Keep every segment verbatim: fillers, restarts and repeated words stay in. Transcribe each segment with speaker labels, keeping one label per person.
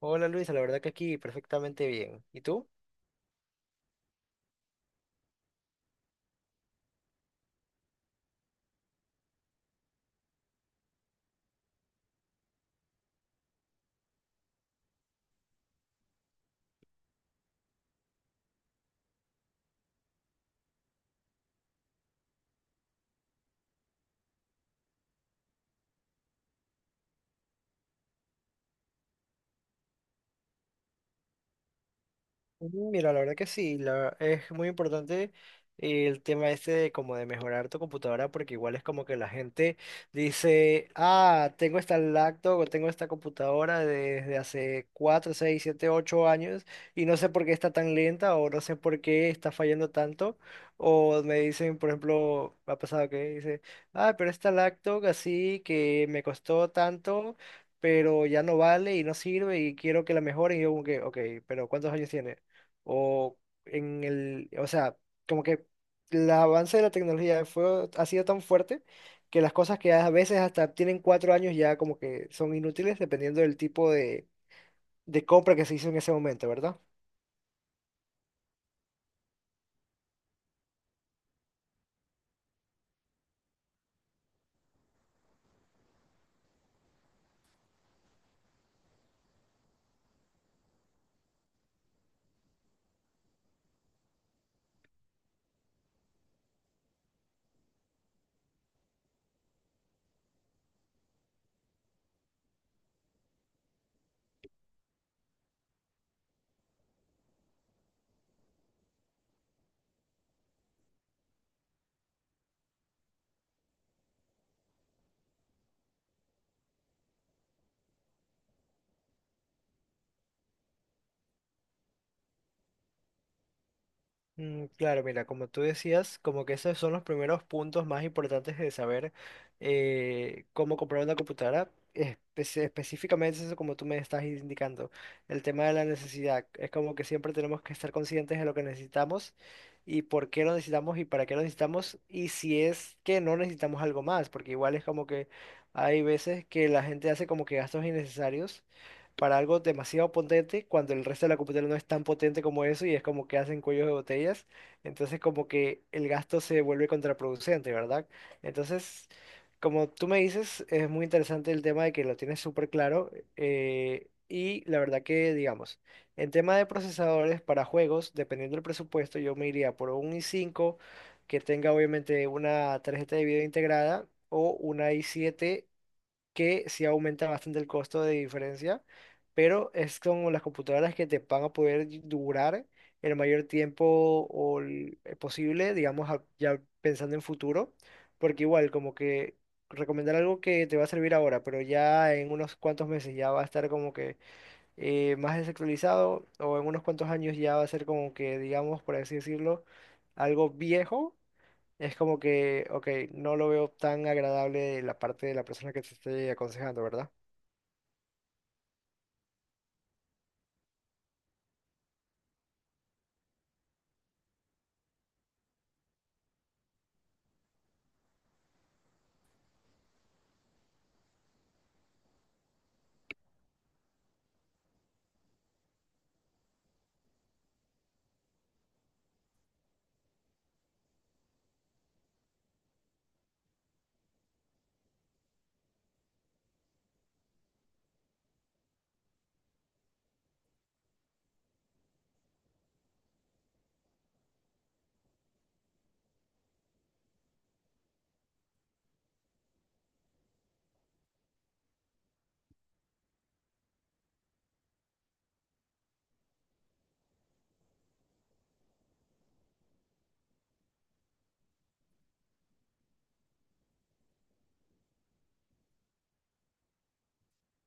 Speaker 1: Hola Luisa, la verdad que aquí perfectamente bien. ¿Y tú? Mm, Mira, la verdad que sí, la- es muy importante el tema este de como de mejorar tu computadora, porque igual es como que la gente dice, ah, tengo esta laptop o tengo esta computadora desde hace cuatro seis siete ocho años y no sé por qué está tan lenta o no sé por qué está fallando tanto. O me dicen, por ejemplo, me ha pasado que dice, ah, pero esta laptop así que me costó tanto, pero ya no vale y no sirve y quiero que la mejoren. Y yo como que, ok, pero ¿cuántos años tiene? O en el, o sea, como que el avance de la tecnología fue, ha sido tan fuerte que las cosas que a veces hasta tienen cuatro años ya como que son inútiles dependiendo del tipo de, de compra que se hizo en ese momento, ¿verdad? Mm, Claro, mira, como tú decías, como que esos son los primeros puntos más importantes de saber eh, cómo comprar una computadora. Espe- específicamente eso como tú me estás indicando, el tema de la necesidad. Es como que siempre tenemos que estar conscientes de lo que necesitamos y por qué lo necesitamos y para qué lo necesitamos y si es que no necesitamos algo más, porque igual es como que hay veces que la gente hace como que gastos innecesarios para algo demasiado potente cuando el resto de la computadora no es tan potente como eso y es como que hacen cuellos de botellas. Entonces como que el gasto se vuelve contraproducente, ¿verdad? Entonces, como tú me dices, es muy interesante el tema de que lo tienes súper claro. Eh, y la verdad que, digamos, en tema de procesadores para juegos, dependiendo del presupuesto, yo me iría por un i cinco que tenga obviamente una tarjeta de video integrada o una i siete, que sí aumenta bastante el costo de diferencia, pero es con las computadoras que te van a poder durar el mayor tiempo o el- eh, posible, digamos, a- ya pensando en futuro, porque igual como que recomendar algo que te va a servir ahora, pero ya en unos cuantos meses ya va a estar como que eh, más desactualizado, o en unos cuantos años ya va a ser como que, digamos, por así decirlo, algo viejo, es como que, ok, no lo veo tan agradable la parte de la persona que te esté aconsejando, ¿verdad?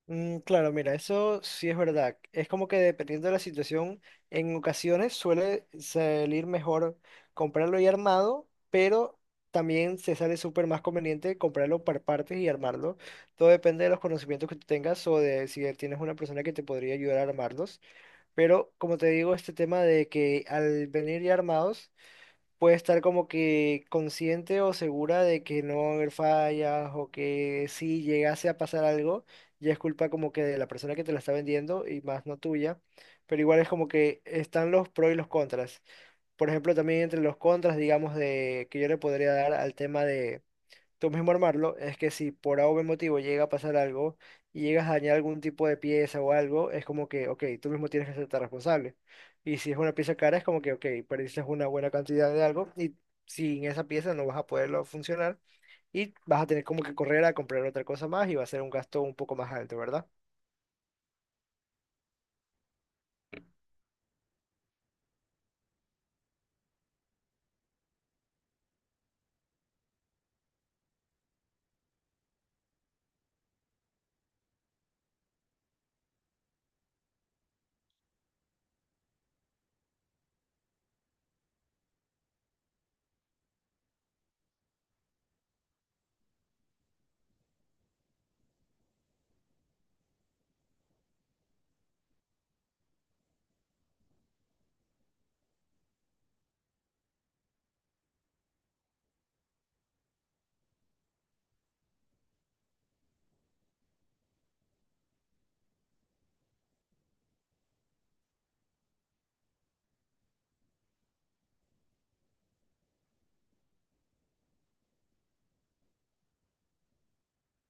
Speaker 1: Mm, claro, mira, eso sí es verdad. Es como que dependiendo de la situación, en ocasiones suele salir mejor comprarlo y armado, pero también se sale súper más conveniente comprarlo por partes y armarlo. Todo depende de los conocimientos que tú tengas o de si tienes una persona que te podría ayudar a armarlos. Pero como te digo, este tema de que al venir ya armados... puede estar como que consciente o segura de que no va a haber fallas o que si llegase a pasar algo, ya es culpa como que de la persona que te la está vendiendo y más no tuya. Pero igual es como que están los pros y los contras. Por ejemplo, también entre los contras, digamos, de que yo le podría dar al tema tú mismo armarlo, es que si por algún motivo llega a pasar algo y llegas a dañar algún tipo de pieza o algo, es como que, ok, tú mismo tienes que hacerte responsable. Y si es una pieza cara, es como que, ok, perdiste una buena cantidad de algo y sin esa pieza no vas a poderlo funcionar y vas a tener como que correr a comprar otra cosa más y va a ser un gasto un poco más alto, ¿verdad?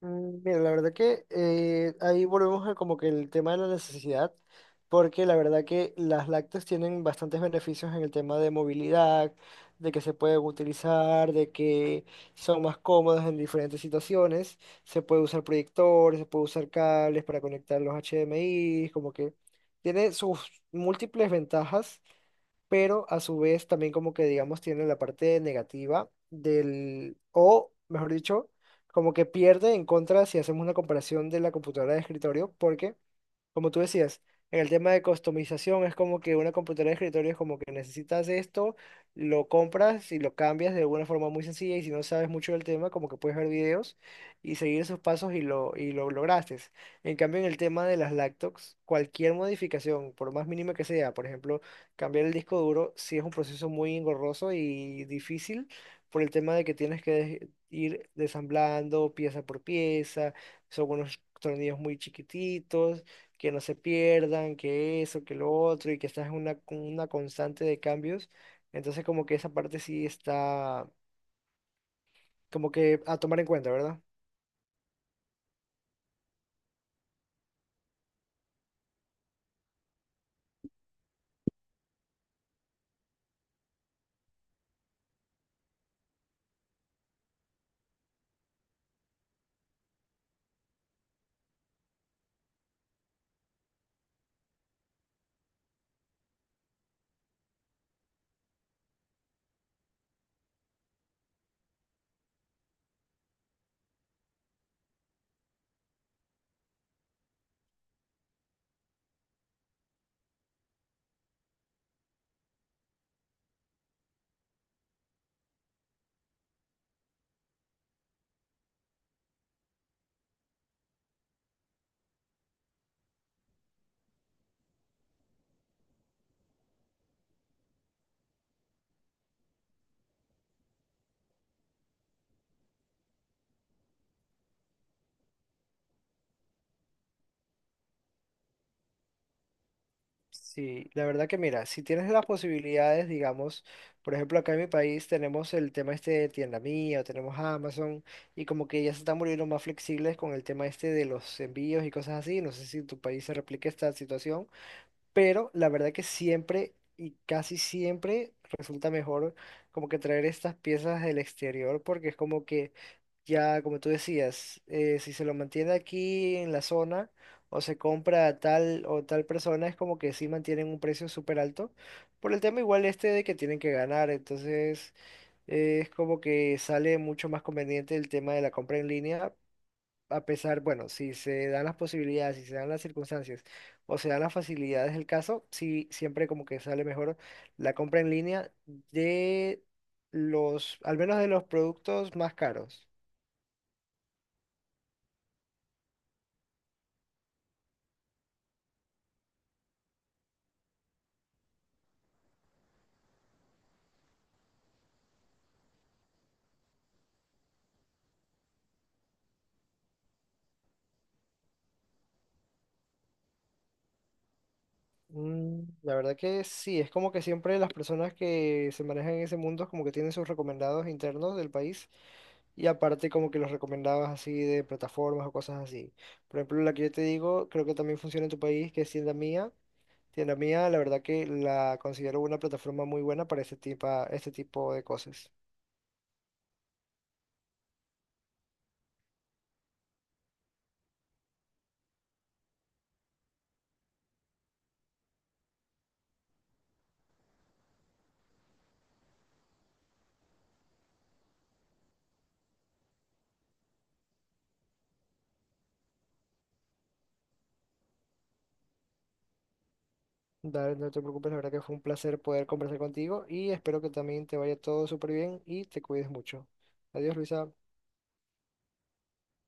Speaker 1: Mm, Mira, la verdad que eh, ahí volvemos a como que el tema de la necesidad, porque la verdad que las lácteas tienen bastantes beneficios en el tema de movilidad, de que se pueden utilizar, de que son más cómodas en diferentes situaciones. Se puede usar proyectores, se puede usar cables para conectar los H D M I, como que tiene sus múltiples ventajas, pero a su vez también como que digamos tiene la parte negativa del, o mejor dicho, como que pierde en contra si hacemos una comparación de la computadora de escritorio, porque como tú decías, en el tema de customización es como que una computadora de escritorio es como que necesitas esto, lo compras y lo cambias de una forma muy sencilla, y si no sabes mucho del tema, como que puedes ver videos y seguir esos pasos y lo, y lo lograste. En cambio, en el tema de las laptops, cualquier modificación, por más mínima que sea, por ejemplo, cambiar el disco duro, sí es un proceso muy engorroso y difícil por el tema de que tienes que des- ir desamblando pieza por pieza, son unos tornillos muy chiquititos que no se pierdan, que eso, que lo otro, y que estás en una, con una constante de cambios. Entonces, como que esa parte sí está como que a tomar en cuenta, ¿verdad? Sí, la verdad que mira, si tienes las posibilidades, digamos, por ejemplo, acá en mi país tenemos el tema este de tienda mía, o tenemos Amazon, y como que ya se están volviendo más flexibles con el tema este de los envíos y cosas así. No sé si en tu país se replica esta situación, pero la verdad que siempre y casi siempre resulta mejor como que traer estas piezas del exterior porque es como que ya, como tú decías, eh, si se lo mantiene aquí en la zona o se compra a tal o tal persona, es como que sí mantienen un precio súper alto por el tema igual este de que tienen que ganar, entonces... eh, es como que sale mucho más conveniente el tema de la compra en línea, a pesar, bueno, si se dan las posibilidades, si se dan las circunstancias o se dan las facilidades del caso, sí, siempre como que sale mejor la compra en línea de los, al menos de los productos más caros. Mm, la verdad que sí, es como que siempre las personas que se manejan en ese mundo como que tienen sus recomendados internos del país y aparte como que los recomendados así de plataformas o cosas así. Por ejemplo, la que yo te digo, creo que también funciona en tu país, que es tienda mía. Sí, mía, la verdad que la considero una plataforma muy buena para este tipo, este tipo de cosas. Dale, no te preocupes, la verdad que fue un placer poder conversar contigo y espero que también te vaya todo súper bien y te cuides mucho. Adiós, Luisa.